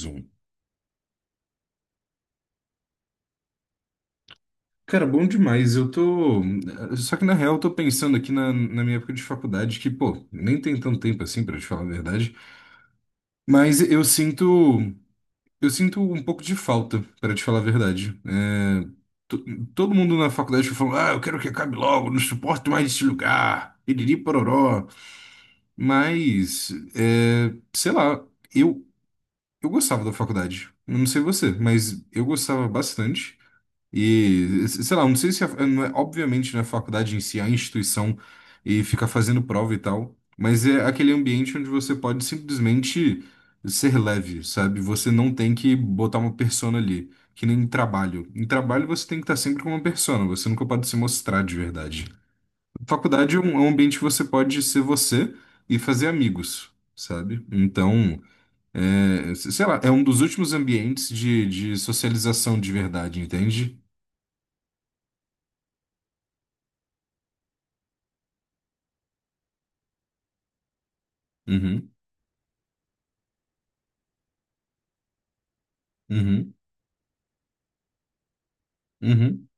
Zoom. Cara, bom demais. Eu tô. Só que na real, eu tô pensando aqui na minha época de faculdade, que, pô, nem tem tanto tempo assim, pra te falar a verdade. Mas eu sinto. Eu sinto um pouco de falta, pra te falar a verdade. To- Todo mundo na faculdade falou: ah, eu quero que acabe logo, não suporto mais esse lugar. Iriri pororó. Mas, é, sei lá, eu, eu gostava da faculdade. Eu não sei você, mas eu gostava bastante. E, sei lá, não sei se, a- não é- obviamente, não é a faculdade em si, é a instituição, e ficar fazendo prova e tal, mas é aquele ambiente onde você pode simplesmente ser leve, sabe? Você não tem que botar uma persona ali, que nem em trabalho. Em trabalho você tem que estar sempre com uma persona, você nunca pode se mostrar de verdade. Faculdade é um ambiente que você pode ser você e fazer amigos, sabe? Então, é, sei lá, é um dos últimos ambientes de socialização de verdade, entende? Uhum. Uhum, uhum,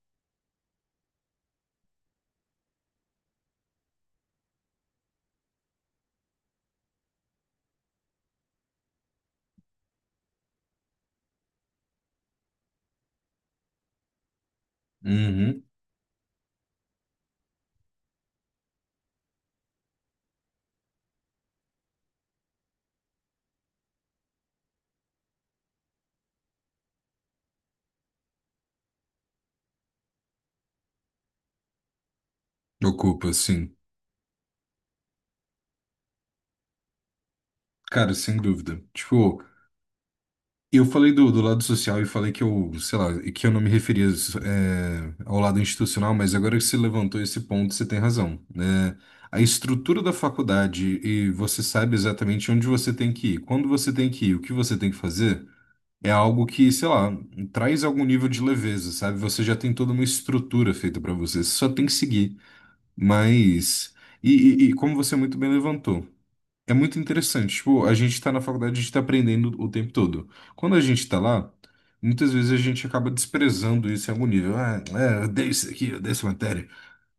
uhum. Ocupa, sim. Cara, sem dúvida. Tipo, eu falei do lado social e falei que eu, sei lá, que eu não me referia, é, ao lado institucional, mas agora que você levantou esse ponto, você tem razão, né? A estrutura da faculdade e você sabe exatamente onde você tem que ir, quando você tem que ir, o que você tem que fazer, é algo que, sei lá, traz algum nível de leveza, sabe? Você já tem toda uma estrutura feita pra você, você só tem que seguir. Mas. E, e como você muito bem levantou. É muito interessante. Tipo, a gente tá na faculdade, a gente tá aprendendo o tempo todo. Quando a gente tá lá, muitas vezes a gente acaba desprezando isso em algum nível. Ah, é, eu odeio isso aqui, eu odeio essa matéria.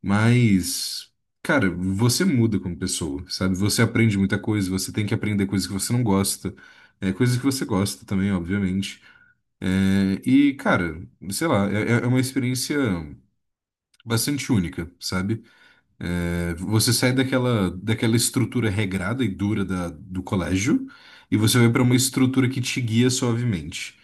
Mas, cara, você muda como pessoa, sabe? Você aprende muita coisa, você tem que aprender coisas que você não gosta, é, coisas que você gosta também, obviamente. É, e, cara, sei lá, é uma experiência bastante única, sabe? É, você sai daquela estrutura regrada e dura do colégio e você vai para uma estrutura que te guia suavemente,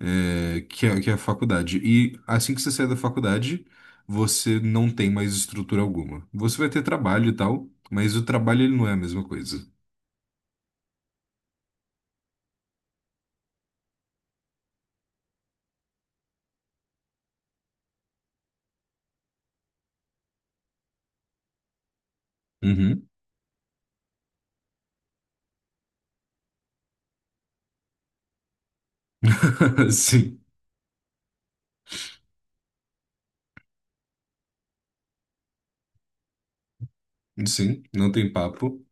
é, que é a faculdade. E assim que você sai da faculdade, você não tem mais estrutura alguma. Você vai ter trabalho e tal, mas o trabalho ele não é a mesma coisa. Uhum. Sim, sim, não tem papo.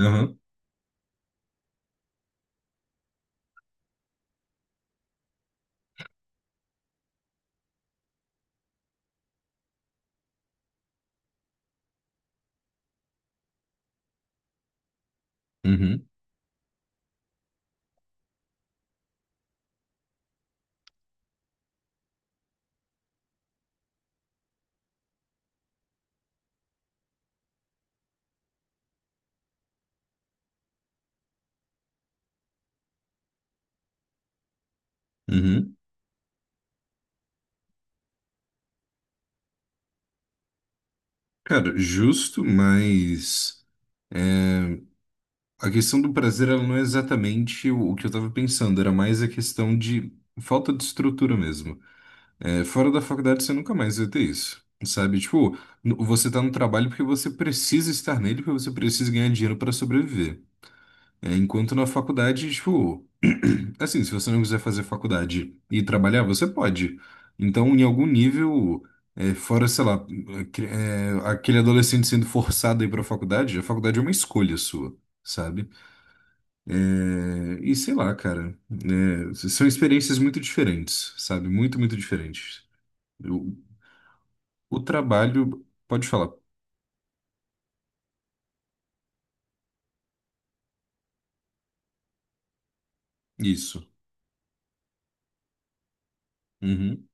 Aham. Uhum. Uhum. Cara, justo, mas. A questão do prazer, ela não é exatamente o que eu estava pensando, era mais a questão de falta de estrutura mesmo. É, fora da faculdade você nunca mais vai ter isso, sabe? Tipo, você tá no trabalho porque você precisa estar nele, porque você precisa ganhar dinheiro para sobreviver. É, enquanto na faculdade, tipo, assim, se você não quiser fazer faculdade e trabalhar, você pode. Então, em algum nível, é, fora, sei lá, é, aquele adolescente sendo forçado a ir para a faculdade é uma escolha sua, sabe? É, e sei lá, cara, né, são experiências muito diferentes, sabe? Muito, muito diferentes. O, o trabalho, pode falar, isso. Uhum,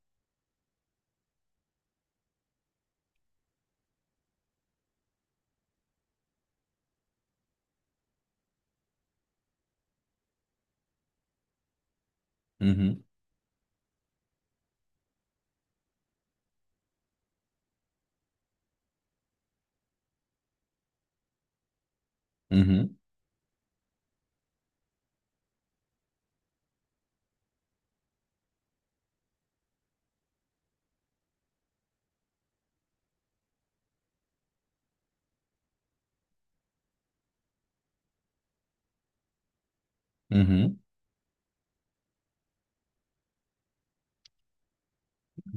uhum, uhum, uhum.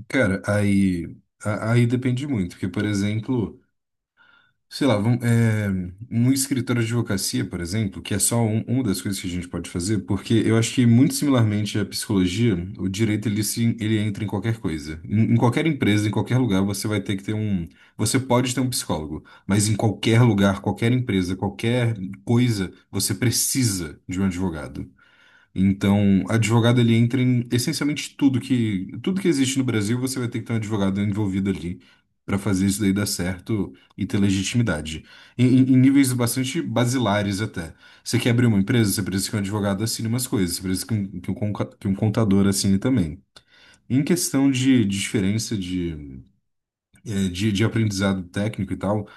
Cara, aí, aí depende muito, porque, por exemplo, sei lá, vamos, é, num escritório de advocacia, por exemplo, que é só uma das coisas que a gente pode fazer, porque eu acho que muito similarmente à psicologia, o direito ele, se, ele entra em qualquer coisa. Em qualquer empresa, em qualquer lugar, você vai ter que ter um. Você pode ter um psicólogo, mas em qualquer lugar, qualquer empresa, qualquer coisa, você precisa de um advogado. Então, advogado ele entra em essencialmente tudo que existe no Brasil, você vai ter que ter um advogado envolvido ali para fazer isso daí dar certo e ter legitimidade. Em, em níveis bastante basilares até. Você quer abrir uma empresa, você precisa que um advogado assine umas coisas, você precisa que um contador assine também. Em questão de diferença de, eh, de aprendizado técnico e tal,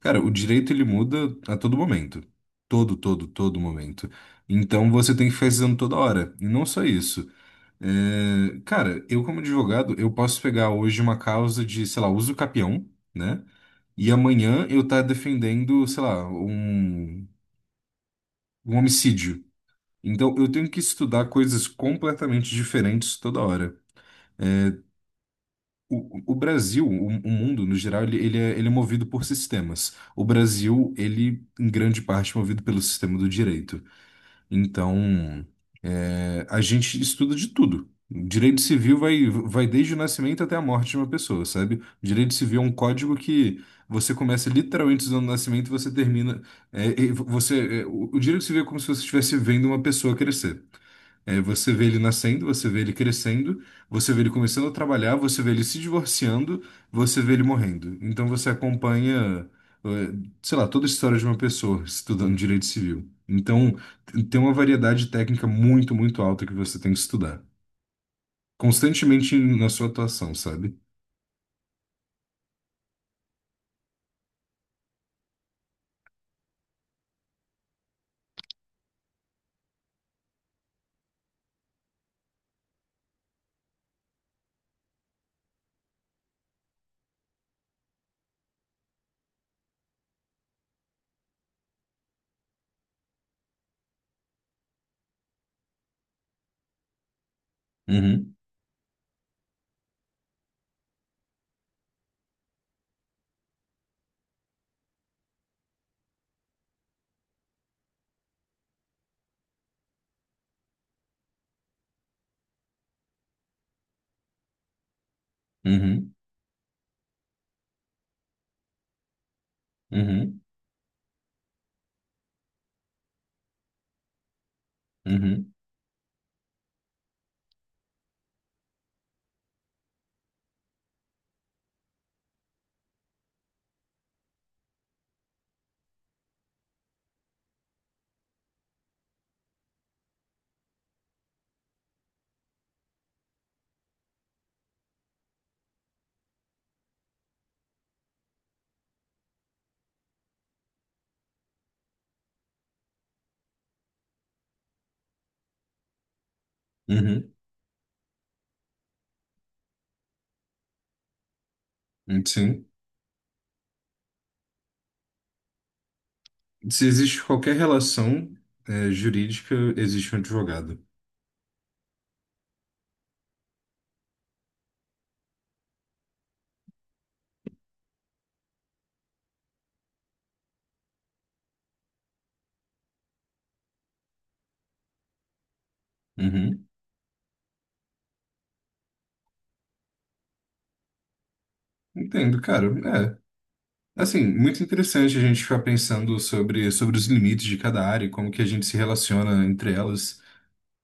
cara, o direito ele muda a todo momento. Todo momento. Então você tem que ficar estudando toda hora. E não só isso. É, cara, eu como advogado, eu posso pegar hoje uma causa de, sei lá, uso capião, né? E amanhã eu tá defendendo, sei lá, um homicídio. Então eu tenho que estudar coisas completamente diferentes toda hora. O Brasil, o mundo no geral, ele, ele é movido por sistemas. O Brasil, ele, em grande parte, é movido pelo sistema do direito. Então, é, a gente estuda de tudo. Direito civil vai desde o nascimento até a morte de uma pessoa, sabe? Direito civil é um código que você começa literalmente usando o nascimento e você termina. É, e você, é, o direito civil é como se você estivesse vendo uma pessoa crescer. É, você vê ele nascendo, você vê ele crescendo, você vê ele começando a trabalhar, você vê ele se divorciando, você vê ele morrendo. Então você acompanha, eh, sei lá, toda a história de uma pessoa estudando direito civil. Então tem uma variedade técnica muito, muito alta que você tem que estudar. Constantemente na sua atuação, sabe? Uhum, uhum, uhum, uhum, uhum. Sim. Se existe qualquer relação, eh, jurídica, existe um advogado. Uhum. Entendo, cara. É, assim, muito interessante a gente ficar pensando sobre os limites de cada área e como que a gente se relaciona entre elas.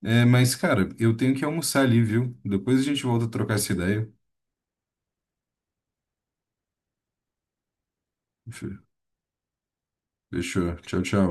É, mas, cara, eu tenho que almoçar ali, viu? Depois a gente volta a trocar essa ideia. Fechou. Tchau, tchau.